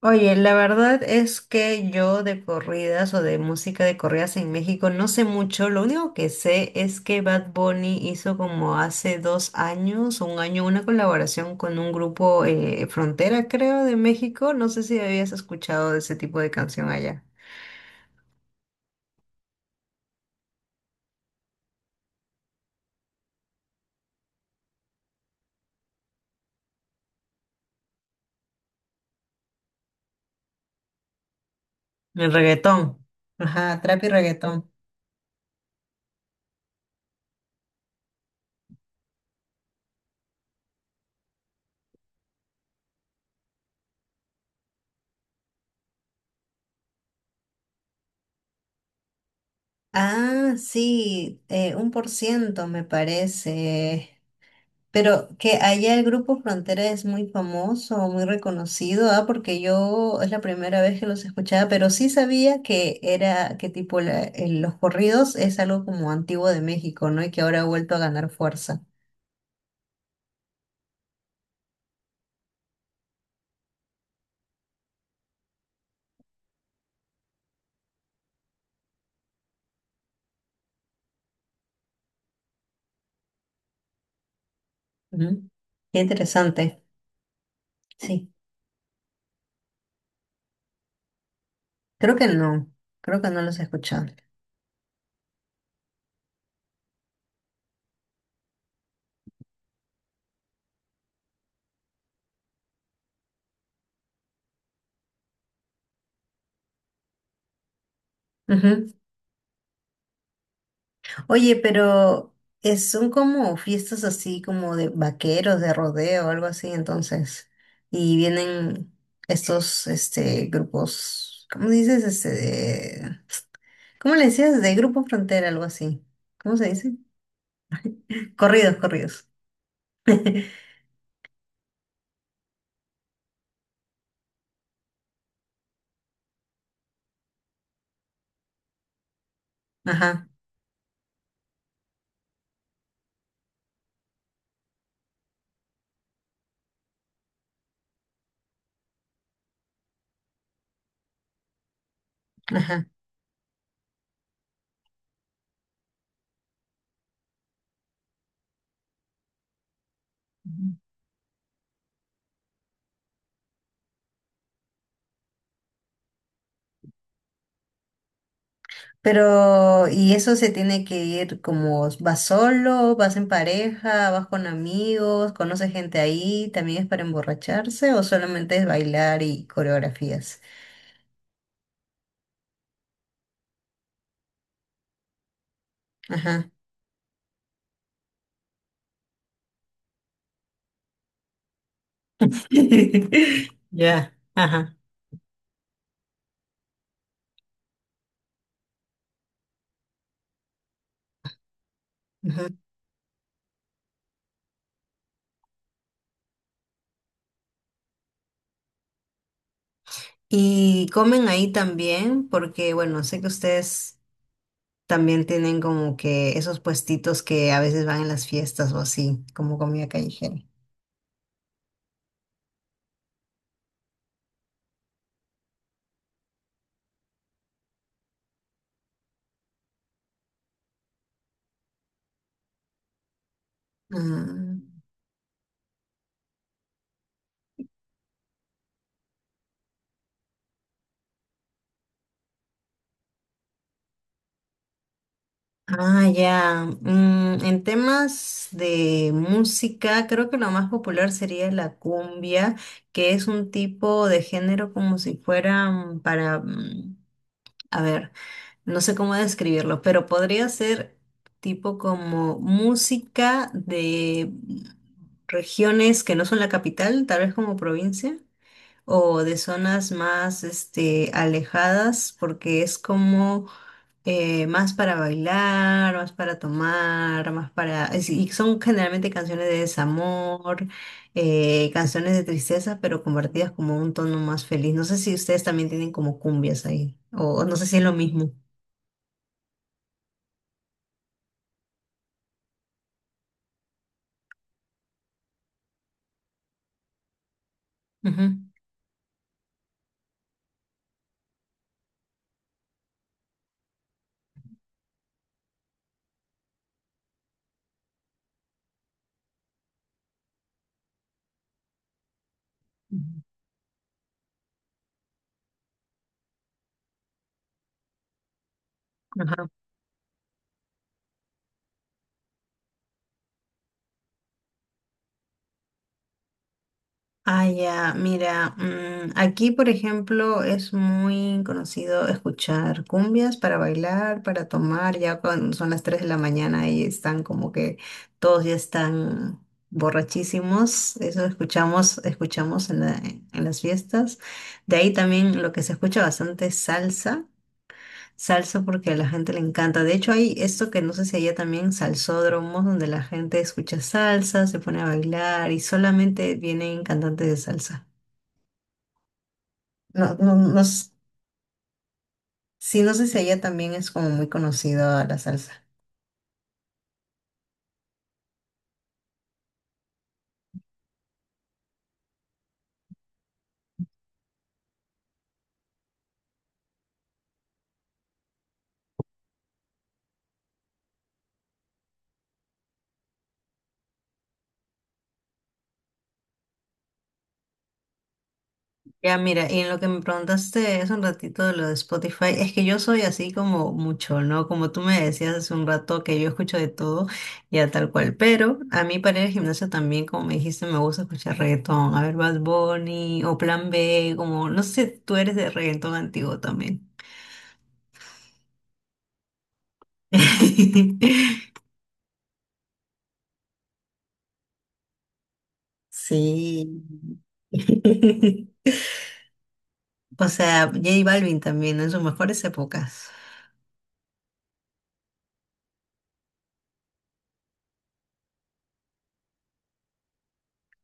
Oye, la verdad es que yo de corridas o de música de corridas en México no sé mucho. Lo único que sé es que Bad Bunny hizo como hace 2 años, un año, una colaboración con un grupo Frontera, creo, de México. No sé si habías escuchado de ese tipo de canción allá. El reggaetón. Ajá, trap y reggaetón. Ah, sí, un por ciento me parece. Pero que allá el grupo Frontera es muy famoso, muy reconocido, ah, porque yo es la primera vez que los escuchaba, pero sí sabía que era, que tipo los corridos es algo como antiguo de México, ¿no? Y que ahora ha vuelto a ganar fuerza. Ujú. Qué interesante. Sí, creo que no, creo que no los he escuchado. Ujú. Oye, pero son como fiestas así como de vaqueros, de rodeo, algo así, entonces. Y vienen estos grupos, ¿cómo dices? Este de- ¿cómo le decías? De grupo frontera, algo así. ¿Cómo se dice? Corridos, corridos. Ajá, ajá. Ujú. Pero, ¿y eso se tiene que ir como vas solo, vas en pareja, vas con amigos, conoces gente ahí, también es para emborracharse o solamente es bailar y coreografías? Ajá. Ya, ajá. Ujú. Y comen ahí también, porque bueno, sé que ustedes también tienen como que esos puestitos que a veces van en las fiestas o así, como comida callejera. Ah, ah, ya. En temas de música, creo que lo más popular sería la cumbia, que es un tipo de género como si fuera para, a ver. No sé cómo describirlo, pero podría ser tipo como música de regiones que no son la capital, tal vez como provincia, o de zonas más este, alejadas, porque es como más para bailar, más para tomar, más Y son generalmente canciones de desamor, canciones de tristeza, pero convertidas como un tono más feliz. No sé si ustedes también tienen como cumbias ahí, o no sé si es lo mismo. Ujú. Ujú. Ajá. Ah, ya, mira, aquí por ejemplo es muy conocido escuchar cumbias para bailar, para tomar, ya cuando son las 3 de la mañana y están como que todos ya están borrachísimos, eso escuchamos, escuchamos en en las fiestas. De ahí también lo que se escucha bastante es salsa. Salsa porque a la gente le encanta. De hecho, hay esto que no sé si allá también, salsódromos, donde la gente escucha salsa, se pone a bailar y solamente vienen cantantes de salsa. No, no, no, sí, no sé si allá también es como muy conocido la salsa. Ya, mira, y en lo que me preguntaste hace un ratito de lo de Spotify, es que yo soy así como mucho, ¿no? Como tú me decías hace un rato que yo escucho de todo, ya tal cual. Pero a mí para ir al gimnasio también, como me dijiste, me gusta escuchar reggaetón. A ver, Bad Bunny o Plan B, como, no sé, tú eres de reggaetón antiguo también. Sí. O sea, J Balvin también, ¿no? En sus mejores épocas.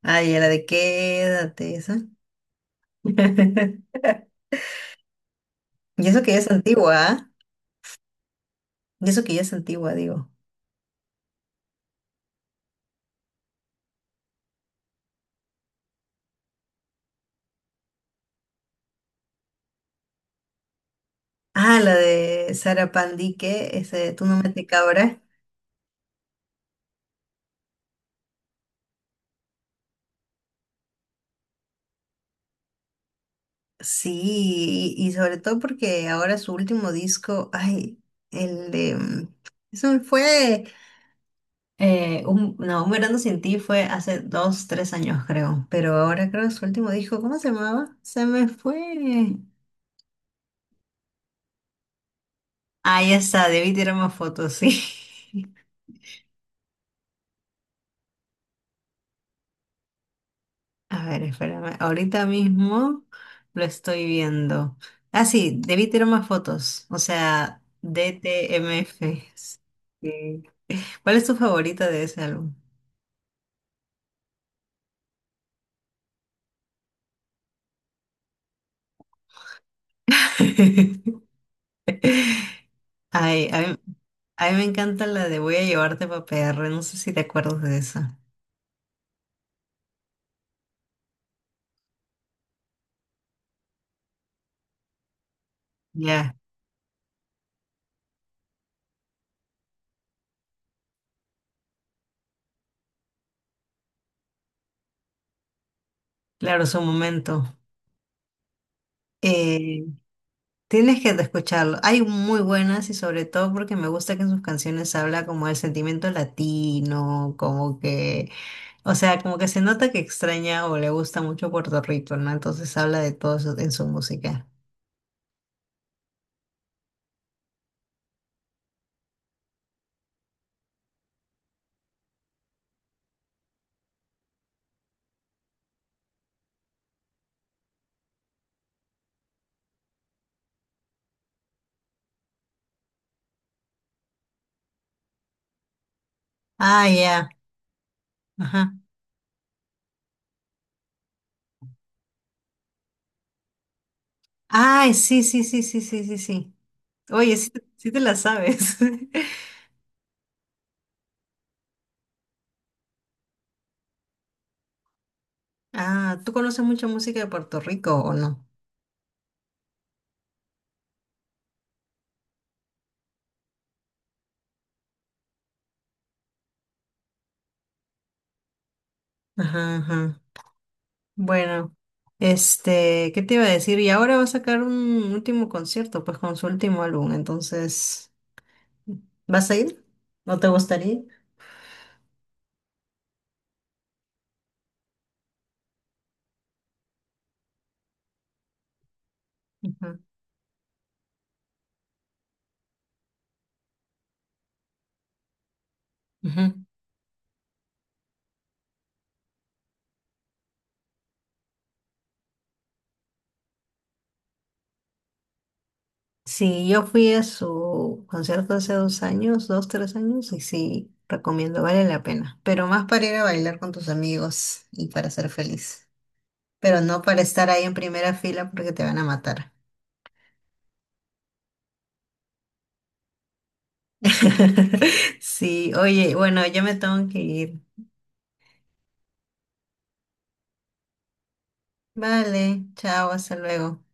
Ay, y la de quédate, esa. Y eso que ya es antigua, ¿ah? Y eso que ya es antigua, digo. Ah, la de Sara Pandique, ese Tú no me cabra. Sí, y sobre todo porque ahora su último disco, ay, el de... Eso fue, un, no, Un verano sin ti fue hace dos, tres años creo, pero ahora creo que su último disco, ¿cómo se llamaba? Se me fue. Ahí está, debí tirar más fotos, sí. A ver, espérame. Ahorita mismo lo estoy viendo. Ah, sí, debí tener más fotos. O sea, DTMF. Sí. ¿Cuál es tu favorita de ese álbum? Ay, a mí me encanta la de Voy a llevarte pa' P. R. No sé si te acuerdas de esa. Ya, claro, su momento. Eh, tienes que escucharlo. Hay muy buenas y sobre todo porque me gusta que en sus canciones habla como del sentimiento latino, como que o sea, como que se nota que extraña o le gusta mucho Puerto Rico, ¿no? Entonces habla de todo eso en su música. Ah, ya. Ajá. Ay, sí, sí, sí, sí, sí, sí, sí. Oye, sí, sí te la sabes. Ah, ¿tú conoces mucha música de Puerto Rico o no? Ajá, ajá. Bueno, este, ¿qué te iba a decir? Y ahora va a sacar un último concierto, pues con su último álbum, entonces, ¿vas a ir? ¿No te gustaría? Ujú, ujú. Sí, yo fui a su concierto hace 2 años, dos, 3 años, y sí, recomiendo, vale la pena. Pero más para ir a bailar con tus amigos y para ser feliz. Pero no para estar ahí en primera fila porque te van a matar. Sí, oye, bueno, yo me tengo que ir. Vale, chao, hasta luego.